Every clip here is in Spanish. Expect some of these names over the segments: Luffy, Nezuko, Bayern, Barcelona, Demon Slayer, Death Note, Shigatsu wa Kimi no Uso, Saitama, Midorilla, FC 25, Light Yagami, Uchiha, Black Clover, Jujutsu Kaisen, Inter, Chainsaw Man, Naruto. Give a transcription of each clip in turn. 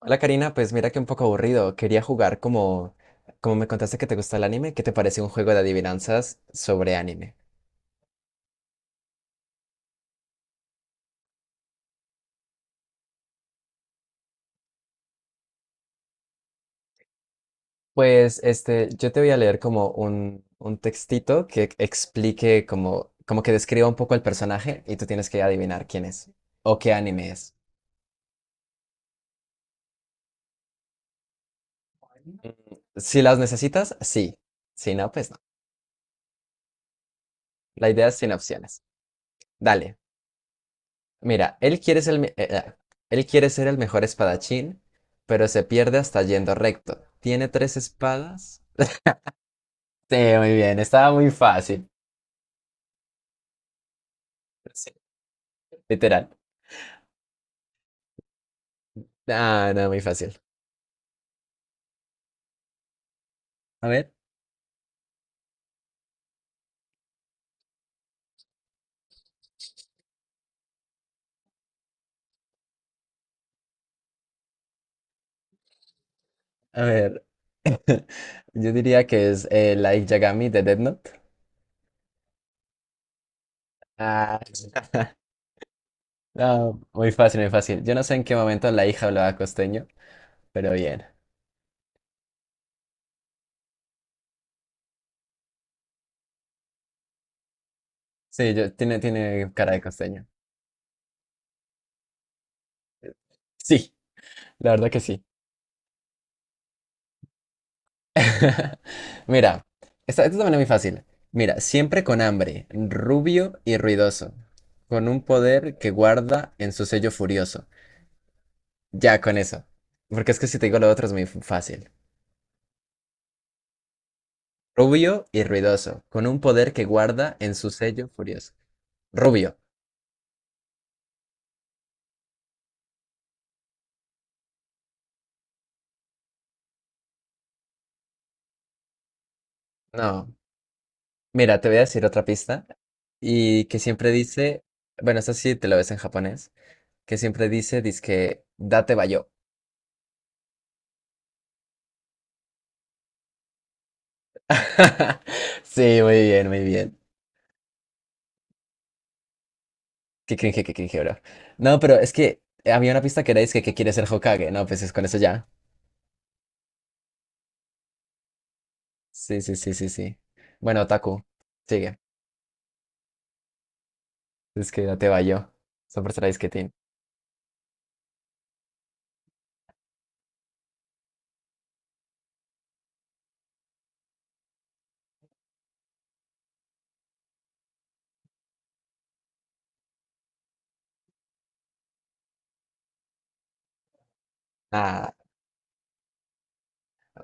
Hola Karina, pues mira que un poco aburrido. Quería jugar como, como me contaste que te gusta el anime, ¿qué te parece un juego de adivinanzas sobre anime? Pues yo te voy a leer como un textito que explique como, como que describa un poco el personaje y tú tienes que adivinar quién es o qué anime es. Mm, si las necesitas, sí. Si no, pues no. La idea es sin opciones. Dale. Mira, él quiere ser él quiere ser el mejor espadachín, pero se pierde hasta yendo recto. Tiene tres espadas. Sí, muy bien, estaba muy fácil. Sí, literal. Ah, no, muy fácil. A ver, a ver. Yo diría que es Light Yagami de Death Note. Ah, no, muy fácil, muy fácil. Yo no sé en qué momento la hija hablaba costeño, pero bien. Sí, yo, tiene cara de costeño. Sí, la verdad que sí. Mira, esta también es muy fácil. Mira, siempre con hambre, rubio y ruidoso, con un poder que guarda en su sello furioso. Ya con eso. Porque es que si te digo lo otro es muy fácil. Rubio y ruidoso, con un poder que guarda en su sello furioso. Rubio. No. Mira, te voy a decir otra pista. Y que siempre dice, bueno, esta sí te lo ves en japonés, que siempre dice, dizque, date bayo. Sí, muy bien, muy bien. Qué cringe, bro. No, pero es que había una pista que era que quiere ser Hokage. No, pues es con eso ya. Sí, sí, sí, sí, sí. Bueno, Taku, sigue. Es que ya te va yo. Super Saiyajin. Ah,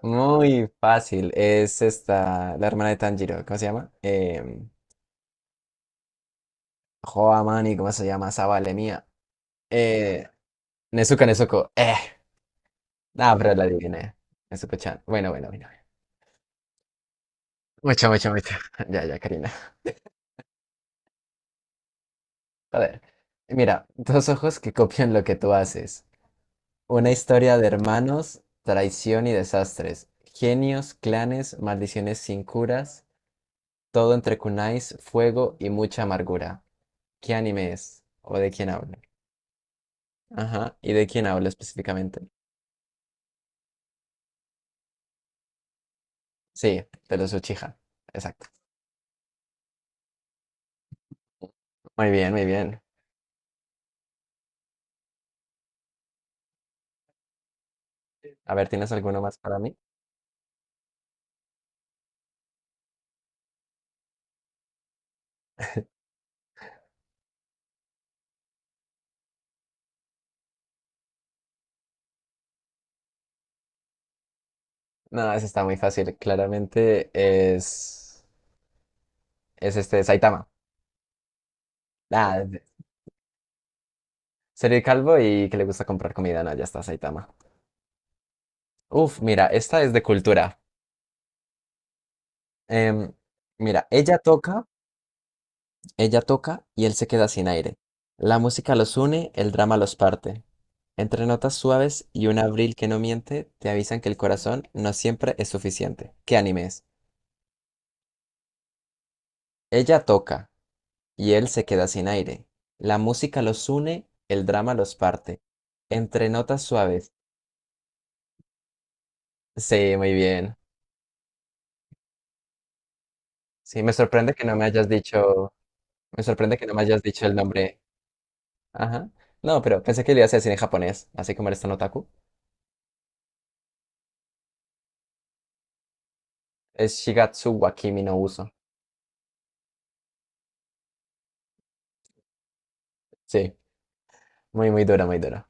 muy fácil. Es esta, la hermana de Tanjiro. ¿Cómo se llama? Hoa Mani, ¿cómo se llama? Esa vale mía. Eh, Nezuko, Nezuko. Ah, pero la adiviné. Nezuko-chan. Bueno, bueno, bueno. Mucho, mucho, mucho. Ya, ya, Karina. Joder. Mira, dos ojos que copian lo que tú haces. Una historia de hermanos, traición y desastres, genios, clanes, maldiciones sin curas, todo entre kunais, fuego y mucha amargura. ¿Qué anime es? ¿O de quién habla? Ajá, ¿y de quién habla específicamente? Sí, de los Uchiha. Exacto. Muy bien, muy bien. A ver, ¿tienes alguno más para mí? No, ese está muy fácil. Claramente es este Saitama. Ah, serio calvo y que le gusta comprar comida. No, ya está Saitama. Uf, mira, esta es de cultura. Em, mira, ella toca y él se queda sin aire. La música los une, el drama los parte. Entre notas suaves y un abril que no miente, te avisan que el corazón no siempre es suficiente. ¿Qué anime es? Ella toca y él se queda sin aire. La música los une, el drama los parte. Entre notas suaves. Sí, muy bien. Sí, me sorprende que no me hayas dicho el nombre. Ajá. No, pero pensé que lo ibas a decir en japonés, así como eres tan otaku. Es Shigatsu wa Kimi no Uso. Sí, muy, muy dura, muy dura.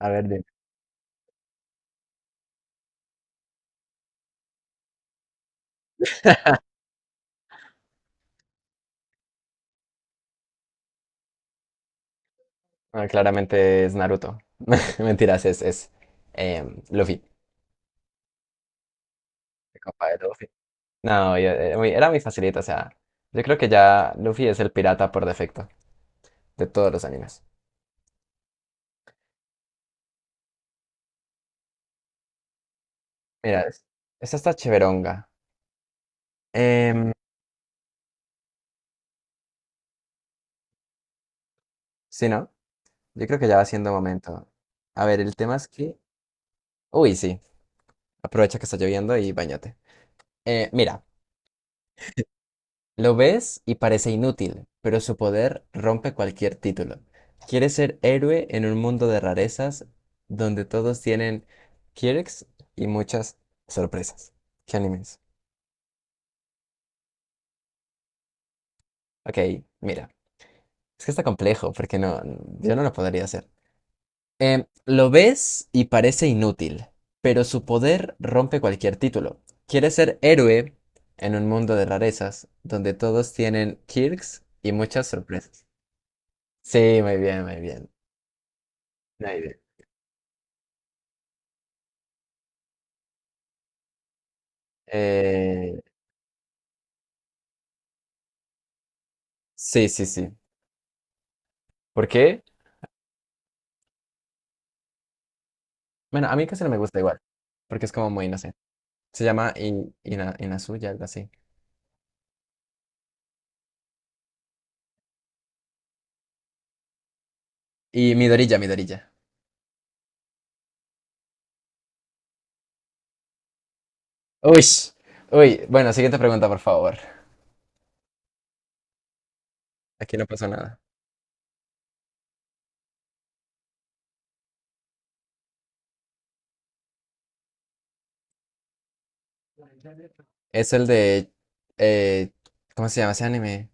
A ver, dime. Ah, claramente es Naruto. Mentiras, es Luffy. El compa de Luffy. No, yo- Era era muy facilita, o sea, yo creo que ya Luffy es el pirata por defecto de todos los animes. Mira, esta está chéveronga. Em, sí, ¿no? Yo creo que ya va siendo momento. A ver, el tema es que... Uy, sí, aprovecha que está lloviendo y bañate. Mira, lo ves y parece inútil, pero su poder rompe cualquier título. Quiere ser héroe en un mundo de rarezas donde todos tienen quirks y muchas sorpresas. ¿Qué animes? Ok, mira. Es que está complejo porque no, yo no lo podría hacer. Lo ves y parece inútil, pero su poder rompe cualquier título. Quiere ser héroe en un mundo de rarezas donde todos tienen quirks y muchas sorpresas. Sí, muy bien, muy bien. Muy bien. Eh, sí, sí, sí. ¿Por qué? Bueno, a mí casi no me gusta igual, porque es como muy inocente. Se llama Inazuya, algo así. Y Midorilla, Midorilla. Uy, uy. Bueno, siguiente pregunta, por favor. Aquí no pasó nada. Es el de... eh, ¿cómo se llama ese anime?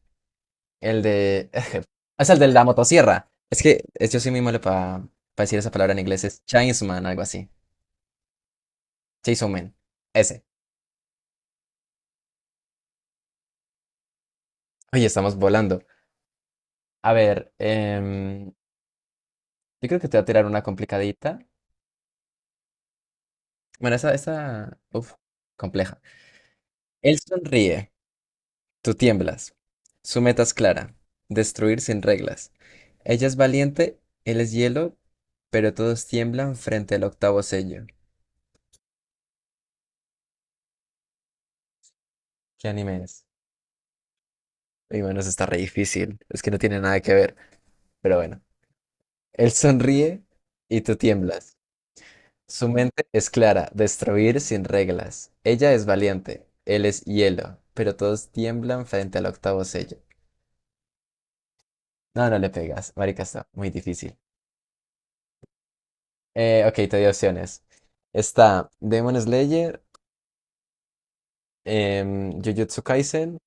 El de... Es el de la motosierra. Es que yo soy muy malo para decir esa palabra en inglés. Es Chainsman, algo así. Chainsaw Man. Ese. Oye, estamos volando. A ver, yo creo que te voy a tirar una complicadita. Bueno, esa, compleja. Él sonríe, tú tiemblas. Su meta es clara, destruir sin reglas. Ella es valiente, él es hielo, pero todos tiemblan frente al octavo sello. ¿Qué anime es? Y bueno, eso está re difícil, es que no tiene nada que ver, pero bueno. Él sonríe y tú tiemblas. Su mente es clara, destruir sin reglas. Ella es valiente, él es hielo, pero todos tiemblan frente al octavo sello. No, no le pegas, marica, está muy difícil. Ok, te di opciones. Está Demon Slayer, Jujutsu Kaisen,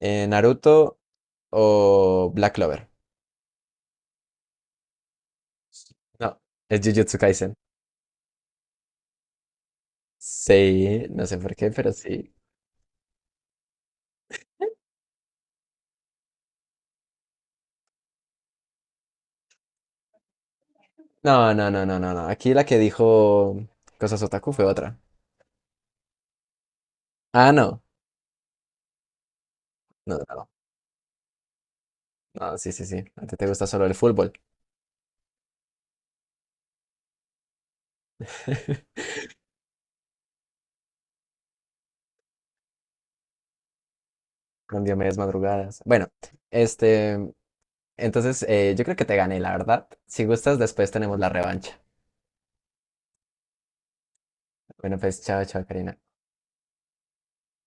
Naruto o Black Clover. No, es Jujutsu Kaisen. Sí, no sé por qué, pero sí. No, no, no, no, no, no. Aquí la que dijo Cosas Otaku fue otra. Ah, no. No, no, no. No, sí, sí, sí. A ti te gusta solo el fútbol. Con medias madrugadas. Bueno, este. Entonces, yo creo que te gané, la verdad. Si gustas, después tenemos la revancha. Bueno, pues, chao, chao, Karina.